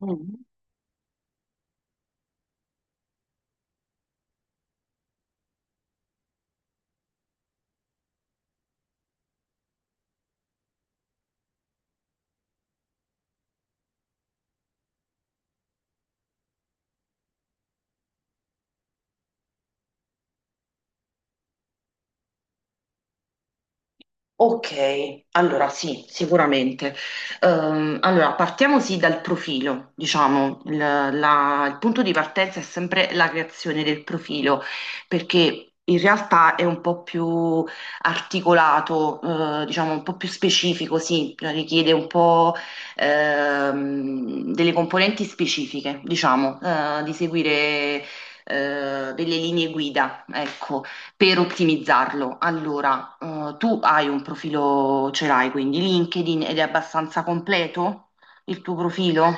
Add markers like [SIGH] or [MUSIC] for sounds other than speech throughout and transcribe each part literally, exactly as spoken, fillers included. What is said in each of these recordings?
Mm. Ok, allora sì, sicuramente. Ehm, allora, partiamo sì dal profilo, diciamo, il, la- il punto di partenza è sempre la creazione del profilo, perché in realtà è un po' più articolato, eh, diciamo, un po' più specifico, sì, richiede un po' ehm, delle componenti specifiche, diciamo, eh, di seguire eh, delle linee guida, ecco, per ottimizzarlo. Allora, eh, tu hai un profilo, ce l'hai quindi LinkedIn, ed è abbastanza completo il tuo profilo?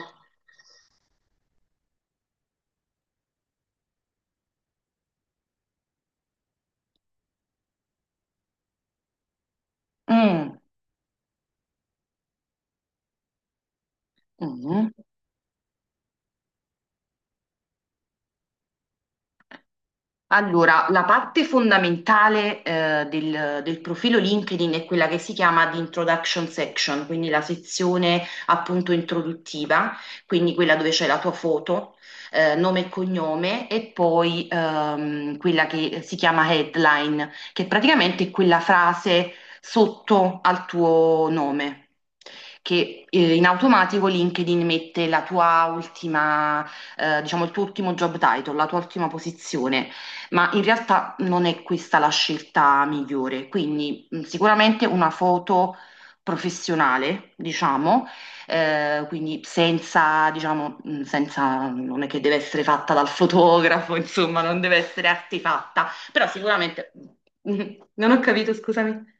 Mm, mm. Allora, la parte fondamentale eh, del, del profilo LinkedIn è quella che si chiama di introduction section, quindi la sezione appunto introduttiva, quindi quella dove c'è la tua foto, eh, nome e cognome, e poi ehm, quella che si chiama headline, che praticamente è quella frase sotto al tuo nome. Che eh, in automatico LinkedIn mette la tua ultima, eh, diciamo il tuo ultimo job title, la tua ultima posizione, ma in realtà non è questa la scelta migliore. Quindi mh, sicuramente una foto professionale, diciamo, eh, quindi senza, diciamo, mh, senza, non è che deve essere fatta dal fotografo, [LAUGHS] insomma, non deve essere artefatta, però sicuramente, [LAUGHS] non ho capito, scusami.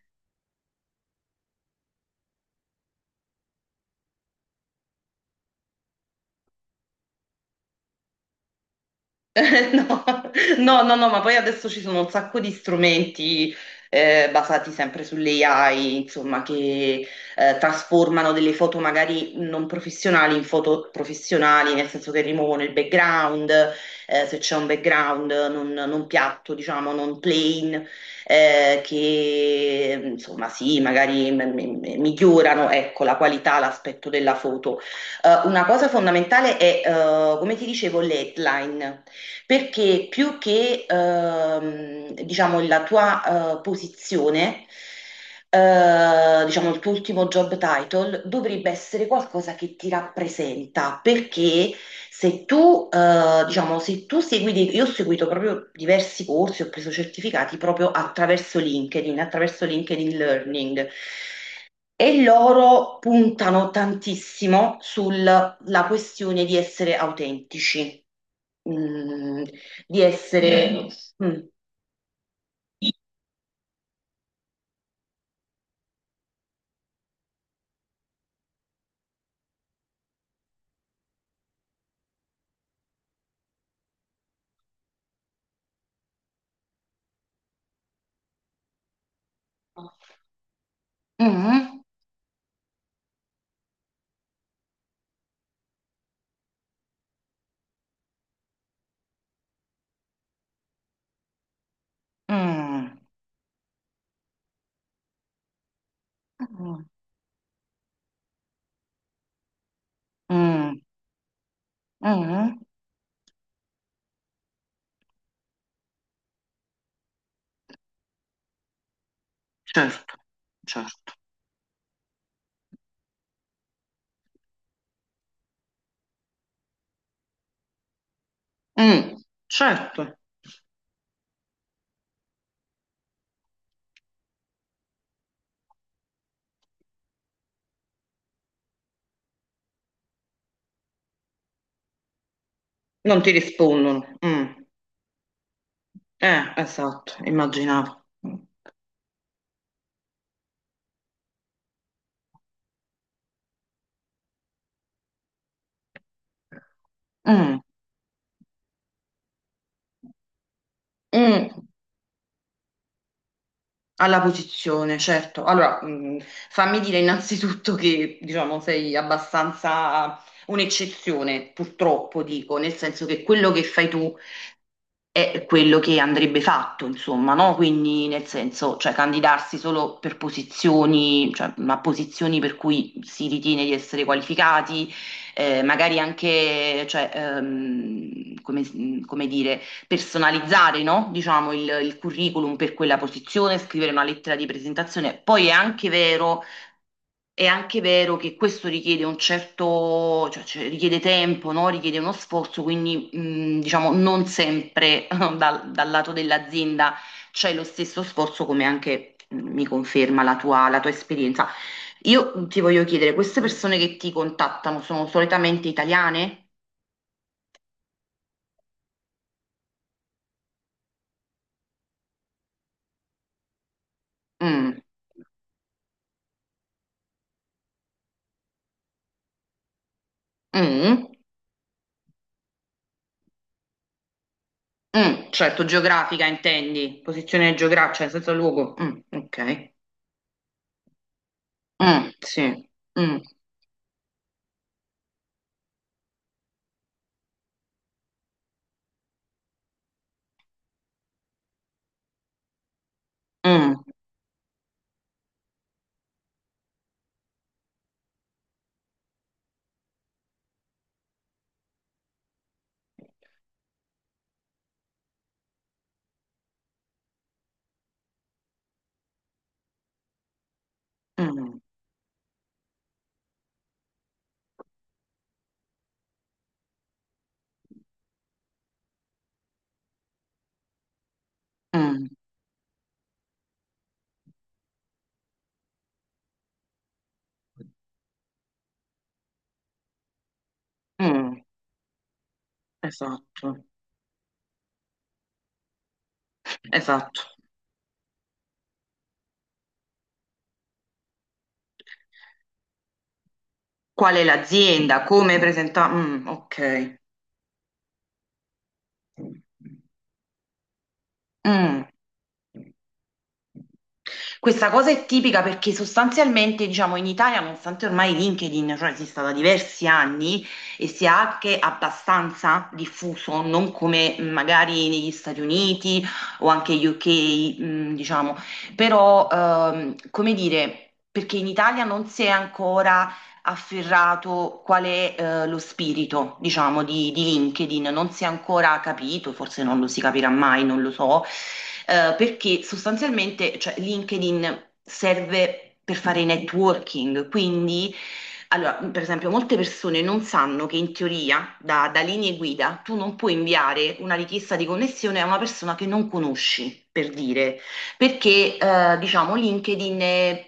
[LAUGHS] Eh, no, no, no, no, ma poi adesso ci sono un sacco di strumenti eh, basati sempre sull'A I, insomma, che eh, trasformano delle foto magari non professionali in foto professionali, nel senso che rimuovono il background, eh, se c'è un background non, non piatto, diciamo, non plain, eh, che insomma, sì, magari m- m- migliorano, ecco, la qualità, l'aspetto della foto. Eh, una cosa fondamentale è, eh, come ti dicevo, le headline. Perché più che, ehm, diciamo, la tua eh, posizione, eh, diciamo, il tuo ultimo job title dovrebbe essere qualcosa che ti rappresenta, perché se tu, eh, diciamo, se tu segui, dei- io ho seguito proprio diversi corsi, ho preso certificati proprio attraverso LinkedIn, attraverso LinkedIn Learning. E loro puntano tantissimo sulla questione di essere autentici, mm, di essere... Mm. Mm, mm, mm, mm, mm. Certo, certo. Mm, certo, non ti rispondono. Mm. Eh, esatto, immaginavo. Mm, mm. Mm. Alla posizione, certo. Allora, mh, fammi dire innanzitutto che, diciamo, sei abbastanza un'eccezione, purtroppo dico, nel senso che quello che fai tu è quello che andrebbe fatto, insomma, no? Quindi, nel senso, cioè, candidarsi solo per posizioni, cioè, ma posizioni per cui si ritiene di essere qualificati, eh, magari anche, cioè, ehm, come come dire personalizzare, no? Diciamo il, il curriculum per quella posizione, scrivere una lettera di presentazione. Poi è anche vero, è anche vero che questo richiede un certo, cioè, cioè, richiede tempo, no? Richiede uno sforzo, quindi mh, diciamo non sempre [LAUGHS] dal, dal lato dell'azienda c'è lo stesso sforzo, come anche mh, mi conferma la tua, la tua esperienza. Io ti voglio chiedere, queste persone che ti contattano sono solitamente italiane? Mm, mm. Mm, certo, geografica intendi, posizione geografica, cioè senza luogo. Mm, ok. Mm, sì. Mm, mm, mm, mm, mm. Esatto, esatto. Qual è l'azienda? Come presenta? Mm, ok. Mm. Questa cosa è tipica perché sostanzialmente, diciamo, in Italia, nonostante ormai LinkedIn, cioè, esista da diversi anni e sia anche abbastanza diffuso, non come mh, magari negli Stati Uniti o anche U K, mh, diciamo, però, ehm, come dire, perché in Italia non si è ancora afferrato qual è eh, lo spirito, diciamo, di, di LinkedIn. Non si è ancora capito, forse non lo si capirà mai, non lo so, eh, perché sostanzialmente, cioè, LinkedIn serve per fare networking, quindi... Allora, per esempio, molte persone non sanno che in teoria, da, da linee guida, tu non puoi inviare una richiesta di connessione a una persona che non conosci, per dire, perché eh, diciamo LinkedIn è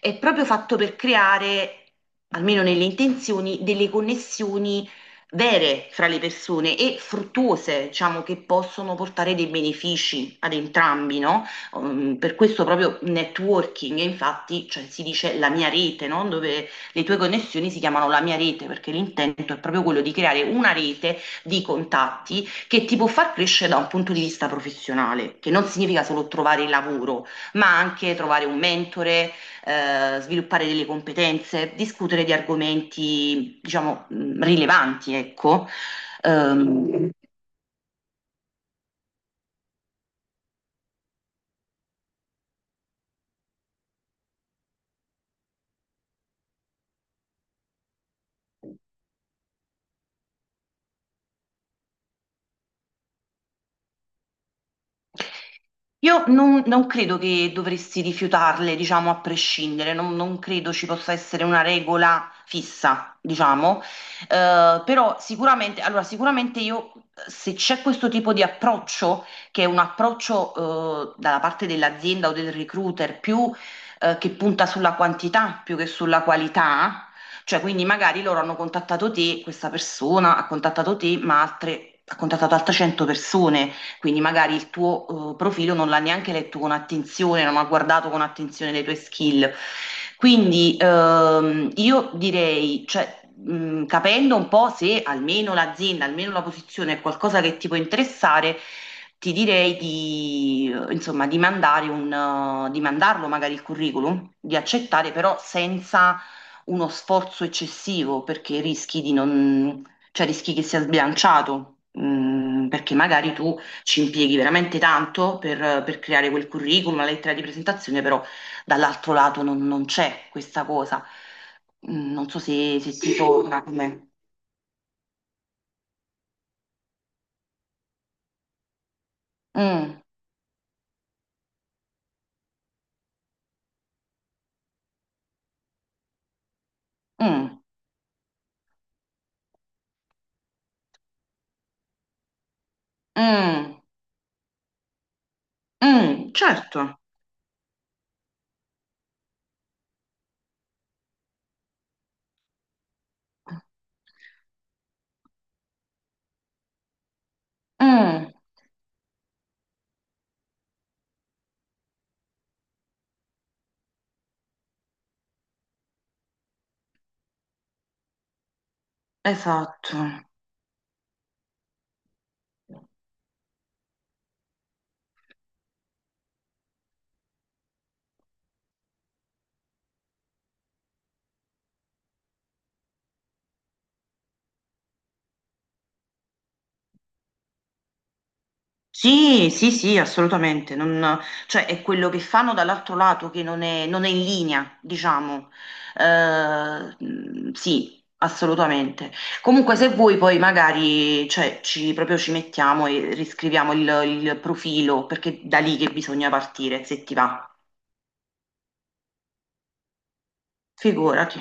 è proprio fatto per creare, almeno nelle intenzioni, delle connessioni vere fra le persone e fruttuose, diciamo, che possono portare dei benefici ad entrambi, no? Um, per questo proprio networking, e infatti, cioè, si dice la mia rete, no? Dove le tue connessioni si chiamano la mia rete, perché l'intento è proprio quello di creare una rete di contatti che ti può far crescere da un punto di vista professionale, che non significa solo trovare il lavoro, ma anche trovare un mentore, eh, sviluppare delle competenze, discutere di argomenti, diciamo, mh, rilevanti, ecco. Ehm, Io non, non credo che dovresti rifiutarle, diciamo, a prescindere, non, non credo ci possa essere una regola fissa, diciamo. Eh, però sicuramente, allora, sicuramente io, se c'è questo tipo di approccio, che è un approccio, eh, dalla parte dell'azienda o del recruiter, più, eh, che punta sulla quantità più che sulla qualità, cioè, quindi magari loro hanno contattato te, questa persona ha contattato te, ma altre, ha contattato altre cento persone. Quindi magari il tuo eh, profilo non l'ha neanche letto con attenzione, non ha guardato con attenzione le tue skill. Quindi ehm, io direi, cioè, mh, capendo un po' se almeno l'azienda, almeno la posizione è qualcosa che ti può interessare, ti direi di, eh, insomma, di mandare un, eh, di mandarlo magari il curriculum, di accettare però senza uno sforzo eccessivo perché rischi di non, cioè rischi che sia sbilanciato, mm, perché magari tu ci impieghi veramente tanto per, per creare quel curriculum, la lettera di presentazione, però dall'altro lato non, non c'è questa cosa. Mm, non so se, se ti Sì. torna come... Mm, mm, mm, mm, certo. Mm, esatto. Sì, sì, sì, assolutamente. non- cioè, è quello che fanno dall'altro lato che non è, non è in linea, diciamo. Eh, mh, sì, assolutamente. Comunque, se vuoi, poi magari, cioè, ci, proprio ci mettiamo e riscriviamo il, il profilo, perché da lì che bisogna partire, se ti va. Figurati.